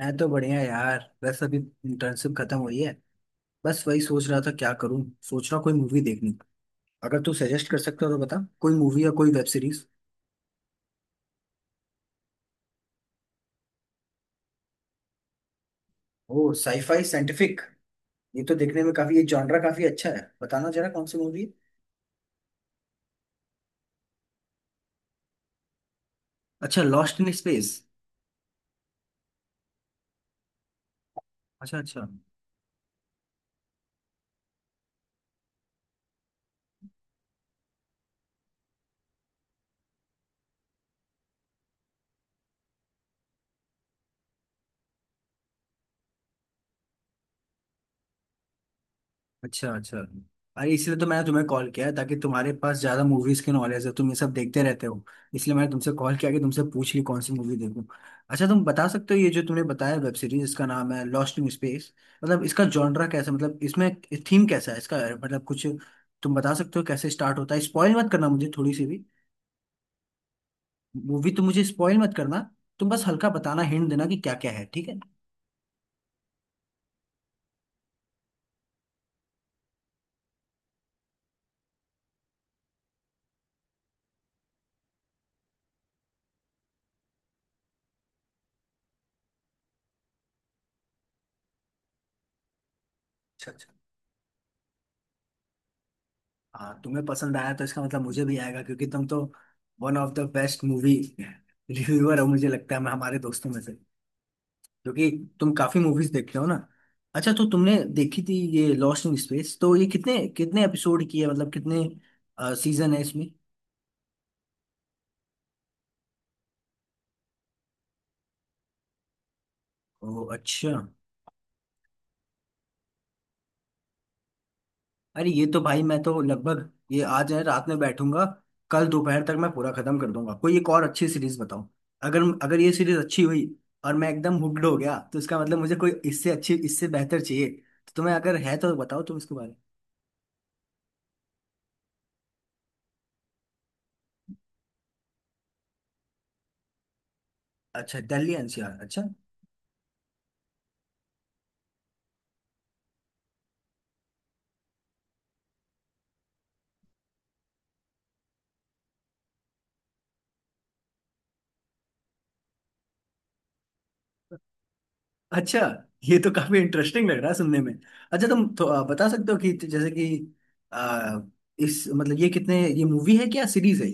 मैं तो बढ़िया यार। बस अभी इंटर्नशिप खत्म हुई है। बस वही सोच रहा था क्या करूं, सोच रहा कोई मूवी देखने को। अगर तू सजेस्ट कर सकता हो तो बता कोई मूवी या कोई वेब सीरीज। ओ साईफाई साइंटिफिक, ये तो देखने में काफी ये जॉनरा काफी अच्छा है, बताना जरा कौन सी मूवी है। अच्छा लॉस्ट इन स्पेस। अच्छा अच्छा। अच्छा अच्छा। अरे इसलिए तो मैंने तुम्हें कॉल किया है ताकि तुम्हारे पास ज्यादा मूवीज की नॉलेज है, तुम ये सब देखते रहते हो। इसलिए मैंने तुमसे कॉल किया कि तुमसे पूछ ली कौन सी मूवी देखूं। अच्छा तुम बता सकते हो, ये जो तुमने बताया वेब सीरीज, इसका नाम है लॉस्ट इन स्पेस। मतलब इसका जॉनरा कैसा, मतलब इसमें थीम कैसा है, इसका मतलब कुछ तुम बता सकते हो कैसे स्टार्ट होता है। स्पॉइल मत करना मुझे थोड़ी सी भी मूवी, तो मुझे स्पॉइल मत करना। तुम बस हल्का बताना, हिंट देना कि क्या क्या है, ठीक है। अच्छा अच्छा। हाँ तुम्हें पसंद आया तो इसका मतलब मुझे भी आएगा, क्योंकि तुम तो one of the best movie reviewer हो, मुझे लगता है, मैं हमारे दोस्तों में से, क्योंकि तुम काफी मूवीज देखते हो ना। अच्छा तो तुमने देखी थी ये लॉस्ट इन स्पेस, तो ये कितने कितने एपिसोड की है, मतलब कितने सीजन है इसमें। ओ अच्छा। अरे ये तो भाई मैं तो लगभग ये आज है रात में बैठूंगा, कल दोपहर तक मैं पूरा खत्म कर दूंगा। कोई एक और अच्छी सीरीज बताओ। अगर अगर ये सीरीज अच्छी हुई और मैं एकदम हुक्ड हो गया, तो इसका मतलब मुझे कोई इससे अच्छी, इससे बेहतर चाहिए। तो तुम्हें अगर है तो बताओ तुम इसके बारे में। अच्छा दिल्ली एनसीआर अच्छा। अच्छा ये तो काफी इंटरेस्टिंग लग रहा है सुनने में। अच्छा तुम तो बता सकते हो कि जैसे कि अ, इस मतलब ये कितने ये मूवी है क्या सीरीज है।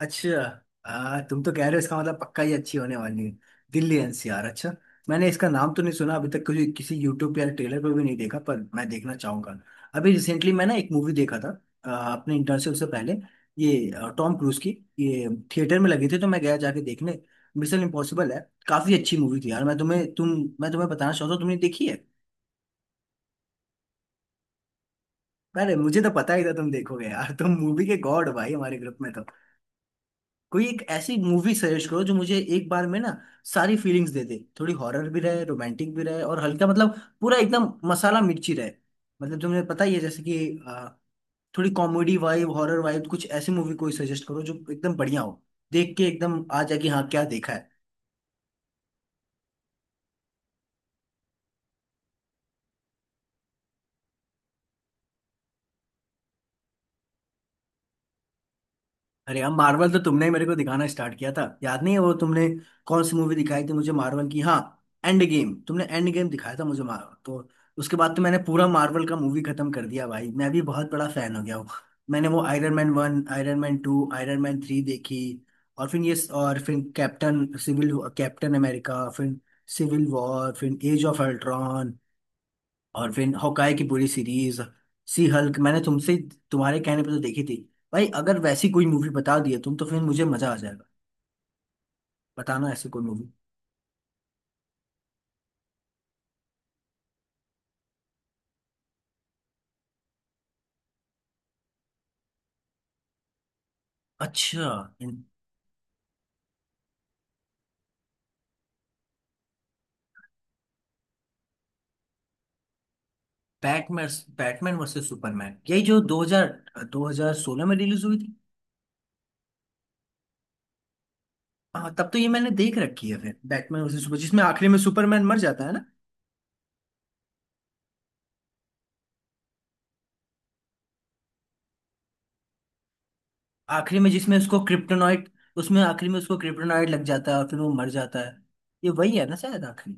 अच्छा, तुम तो कह रहे हो, इसका मतलब पक्का ही अच्छी होने वाली है। दिल्ली एनसीआर अच्छा। मैंने इसका नाम तो नहीं सुना अभी तक, किसी किसी यूट्यूब या ट्रेलर पर भी नहीं देखा, पर मैं देखना चाहूंगा। अभी रिसेंटली मैं ना एक मूवी देखा था, अपने इंटर्नशिप से पहले। ये टॉम क्रूज की ये थिएटर में लगी थी तो मैं गया जाके देखने। मिशन इम्पॉसिबल है। काफी अच्छी मूवी थी यार। मैं तुम्हें तुम मैं तुम्हें बताना चाहता हूँ तुमने देखी है। अरे मुझे तो पता ही था तुम देखोगे यार। तुम मूवी के गॉड हो भाई हमारे ग्रुप में तो। कोई एक ऐसी मूवी सजेस्ट करो जो मुझे एक बार में ना सारी फीलिंग्स दे दे। थोड़ी हॉरर भी रहे, रोमांटिक भी रहे, और हल्का मतलब पूरा एकदम मसाला मिर्ची रहे। मतलब तुम्हें पता ही है जैसे कि थोड़ी कॉमेडी वाइब, हॉरर वाइब, कुछ ऐसी मूवी कोई सजेस्ट करो जो एकदम बढ़िया हो। देख के एकदम आ जाए कि हाँ क्या देखा है। अरे यार मार्वल तो तुमने ही मेरे को दिखाना स्टार्ट किया था, याद नहीं है वो तुमने कौन सी मूवी दिखाई थी मुझे मार्वल की, हाँ। एंड गेम, तुमने एंड गेम दिखाया था मुझे मार्वल तो। उसके बाद तो मैंने पूरा मार्वल का मूवी खत्म कर दिया भाई, मैं भी बहुत बड़ा फैन हो गया हूँ। मैंने वो Iron Man one, Iron Man two, Iron Man three देखी, और फिर ये, और फिर कैप्टन सिविल, कैप्टन अमेरिका, फिर सिविल वॉर, फिर एज ऑफ अल्ट्रॉन, और फिर हॉकाई की पूरी सीरीज, सी हल्क मैंने तुमसे, तुम्हारे कहने पे तो देखी थी। भाई अगर वैसी कोई मूवी बता दिए तुम, तो फिर मुझे मजा आ जाएगा। बताना ऐसी कोई मूवी। अच्छा। बैटमैन बैटमैन वर्सेस सुपरमैन, यही जो 2000 2016 में रिलीज हुई थी। हाँ तब तो ये मैंने देख रखी है। फिर बैटमैन वर्सेस सुपर, जिसमें आखिरी में सुपरमैन मर जाता है ना। आखिरी में जिसमें उसको क्रिप्टोनाइट, उसमें आखिरी में उसको क्रिप्टोनाइट लग जाता है और फिर वो मर जाता है। ये वही है ना शायद आखिरी।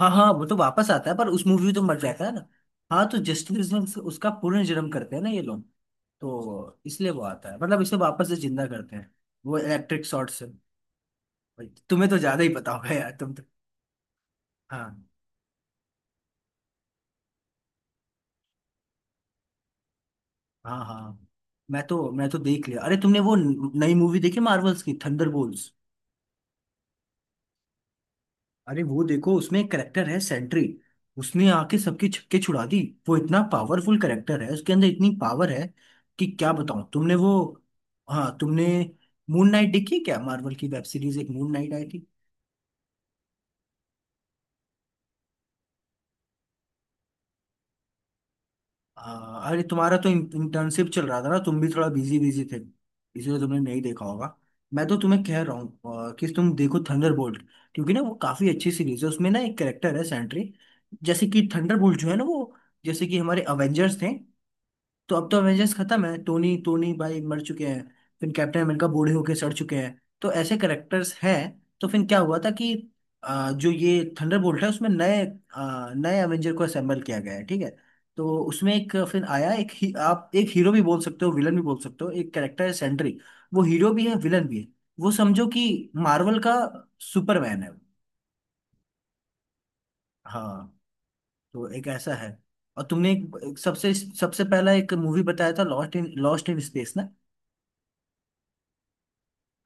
हाँ हाँ, वो तो वापस आता है पर उस मूवी में तो मर जाता है ना। हाँ तो जस्टिस उसका पुनर्जन्म करते हैं ना ये लोग, तो इसलिए वो आता है, मतलब इसे वापस से जिंदा करते हैं। वो इलेक्ट्रिक शॉर्ट से। भाई, तुम्हें तो ज्यादा ही पता होगा यार, तुम तो। हाँ हाँ हाँ। मैं तो देख लिया। अरे तुमने वो नई मूवी देखी मार्वल्स की, थंडरबोल्ट्स। अरे वो देखो, उसमें एक करेक्टर है सेंट्री। उसने आके सबके छक्के छुड़ा दी। वो इतना पावरफुल करेक्टर है, उसके अंदर इतनी पावर है कि क्या बताऊं। तुमने वो, हाँ तुमने मून नाइट देखी है क्या, मार्वल की वेब सीरीज एक मून नाइट आई थी। अरे तुम्हारा तो इंटर्नशिप चल रहा था ना, तुम भी थोड़ा बिजी बिजी थे, इसलिए तुमने नहीं देखा होगा। मैं तो तुम्हें कह रहा हूँ कि तुम देखो थंडरबोल्ट, क्योंकि ना वो काफी अच्छी सीरीज है। उसमें ना एक करेक्टर है सेंट्री। जैसे कि थंडरबोल्ट जो है ना वो, जैसे कि हमारे अवेंजर्स थे, तो अब तो अवेंजर्स खत्म है। टोनी टोनी भाई मर चुके हैं, फिर कैप्टन अमेरिका बूढ़े होके सड़ चुके हैं, तो ऐसे करेक्टर्स हैं। तो फिर क्या हुआ था कि जो ये थंडरबोल्ट है उसमें नए नए एवेंजर को असेंबल किया गया है, ठीक है। तो उसमें एक फिर आया एक ही, आप एक हीरो भी बोल सकते हो विलन भी बोल सकते हो, एक कैरेक्टर है सेंट्री। वो हीरो भी है विलन भी है। वो समझो कि मार्वल का सुपरमैन है वो। हाँ, तो एक ऐसा है। और तुमने एक, एक सबसे सबसे पहला एक मूवी बताया था, लॉस्ट इन स्पेस ना।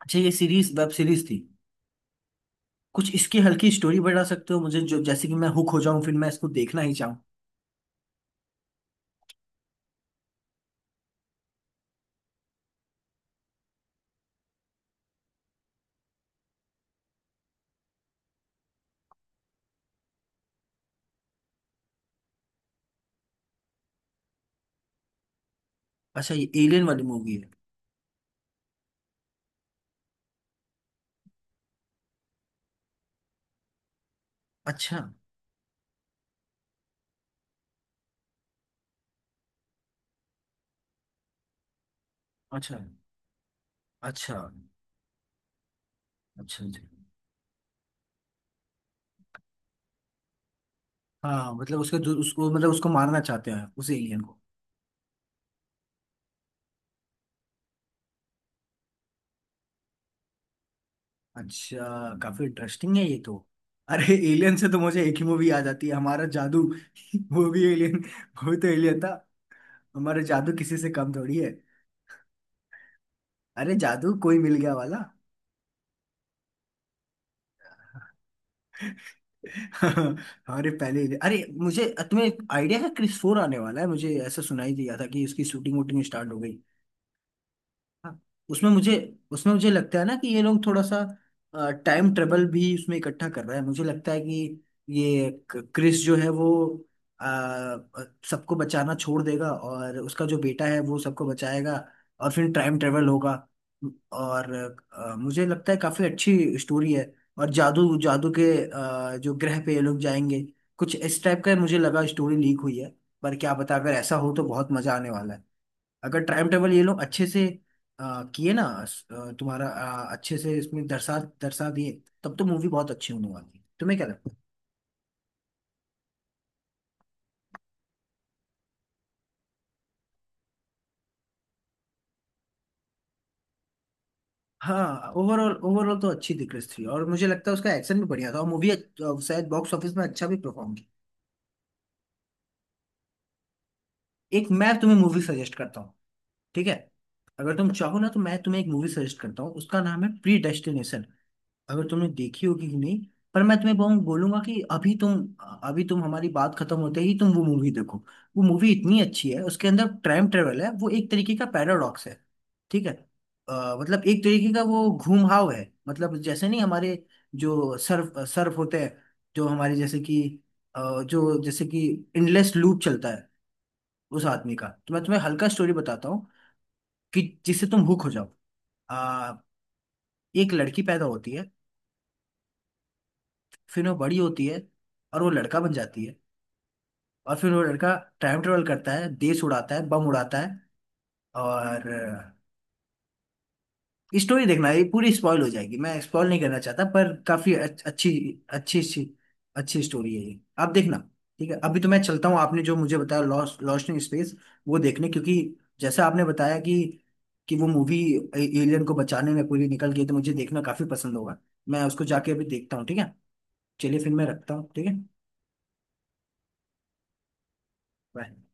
अच्छा ये सीरीज, वेब सीरीज थी। कुछ इसकी हल्की स्टोरी बता सकते हो मुझे, जो जैसे कि मैं हुक हो जाऊं, फिर मैं इसको देखना ही चाहूँ। अच्छा ये एलियन वाली मूवी है। अच्छा अच्छा। अच्छा अच्छा। अच्छा। हाँ मतलब उसके उसको, मतलब उसको मारना चाहते हैं उस एलियन को। अच्छा। काफी इंटरेस्टिंग है ये तो। अरे एलियन से तो मुझे एक ही मूवी आ जाती है, हमारा जादू। वो भी एलियन, वो भी तो एलियन था। हमारा जादू किसी से कम थोड़ी है। अरे जादू कोई मिल गया वाला। हाँ। अरे मुझे, तुम्हें आइडिया है क्रिस फोर आने वाला है, मुझे ऐसा सुनाई दिया था कि इसकी शूटिंग वूटिंग स्टार्ट हो गई। हाँ, उसमें मुझे, उसमें मुझे लगता है ना कि ये लोग थोड़ा सा टाइम ट्रेवल भी उसमें इकट्ठा कर रहा है, मुझे लगता है कि ये क्रिस जो है वो, अ, सबको बचाना छोड़ देगा और उसका जो बेटा है वो सबको बचाएगा, और फिर टाइम ट्रेवल होगा। और मुझे लगता है काफी अच्छी स्टोरी है। और जादू जादू के जो ग्रह पे ये लोग जाएंगे, कुछ इस टाइप का मुझे लगा स्टोरी लीक हुई है। पर क्या बता, अगर ऐसा हो तो बहुत मजा आने वाला है। अगर टाइम टेबल ये लोग अच्छे से किए ना, तुम्हारा अच्छे से इसमें दर्शा दर्शा दिए, तब तो मूवी बहुत अच्छी होने वाली है। तुम्हें क्या लगता है। हाँ ओवरऑल ओवरऑल तो अच्छी दिख रही थी और मुझे लगता है उसका एक्शन भी बढ़िया था, और मूवी शायद बॉक्स ऑफिस में अच्छा भी परफॉर्म की। एक मैं तुम्हें मूवी सजेस्ट करता हूँ, ठीक है। अगर तुम चाहो ना तो मैं तुम्हें एक मूवी सजेस्ट करता हूँ, उसका नाम है प्री डेस्टिनेशन। अगर तुमने देखी होगी कि नहीं, पर मैं तुम्हें बहुत बोलूंगा कि अभी तुम हमारी बात खत्म होते ही तुम वो मूवी देखो। वो मूवी इतनी अच्छी है, उसके अंदर टाइम ट्रेवल है, वो एक तरीके का पैराडॉक्स है, ठीक है। मतलब एक तरीके का वो घूमहाव है, मतलब जैसे नहीं हमारे जो सर्फ सर्फ होते हैं, जो हमारे जैसे कि जो जैसे कि इनलेस लूप चलता है उस आदमी का, तो मैं तुम्हें हल्का स्टोरी बताता हूँ कि जिससे तुम हुक हो जाओ। अ, एक लड़की पैदा होती है, फिर वो बड़ी होती है और वो लड़का बन जाती है, और फिर वो लड़का टाइम ट्रेवल करता है, देश उड़ाता है, बम उड़ाता है, और स्टोरी देखना। ये पूरी स्पॉइल हो जाएगी, मैं स्पॉइल नहीं करना चाहता, पर काफी अच्छी अच्छी अच्छी अच्छी स्टोरी है ये, आप देखना। ठीक है, अभी तो मैं चलता हूँ, आपने जो मुझे बताया लॉस्ट लॉस्ट इन स्पेस वो देखने, क्योंकि जैसा आपने बताया कि वो मूवी एलियन को बचाने में पूरी निकल गई, तो मुझे देखना काफी पसंद होगा। मैं उसको जाके अभी देखता हूँ, ठीक है। चलिए फिर मैं रखता हूँ, ठीक है। Bye.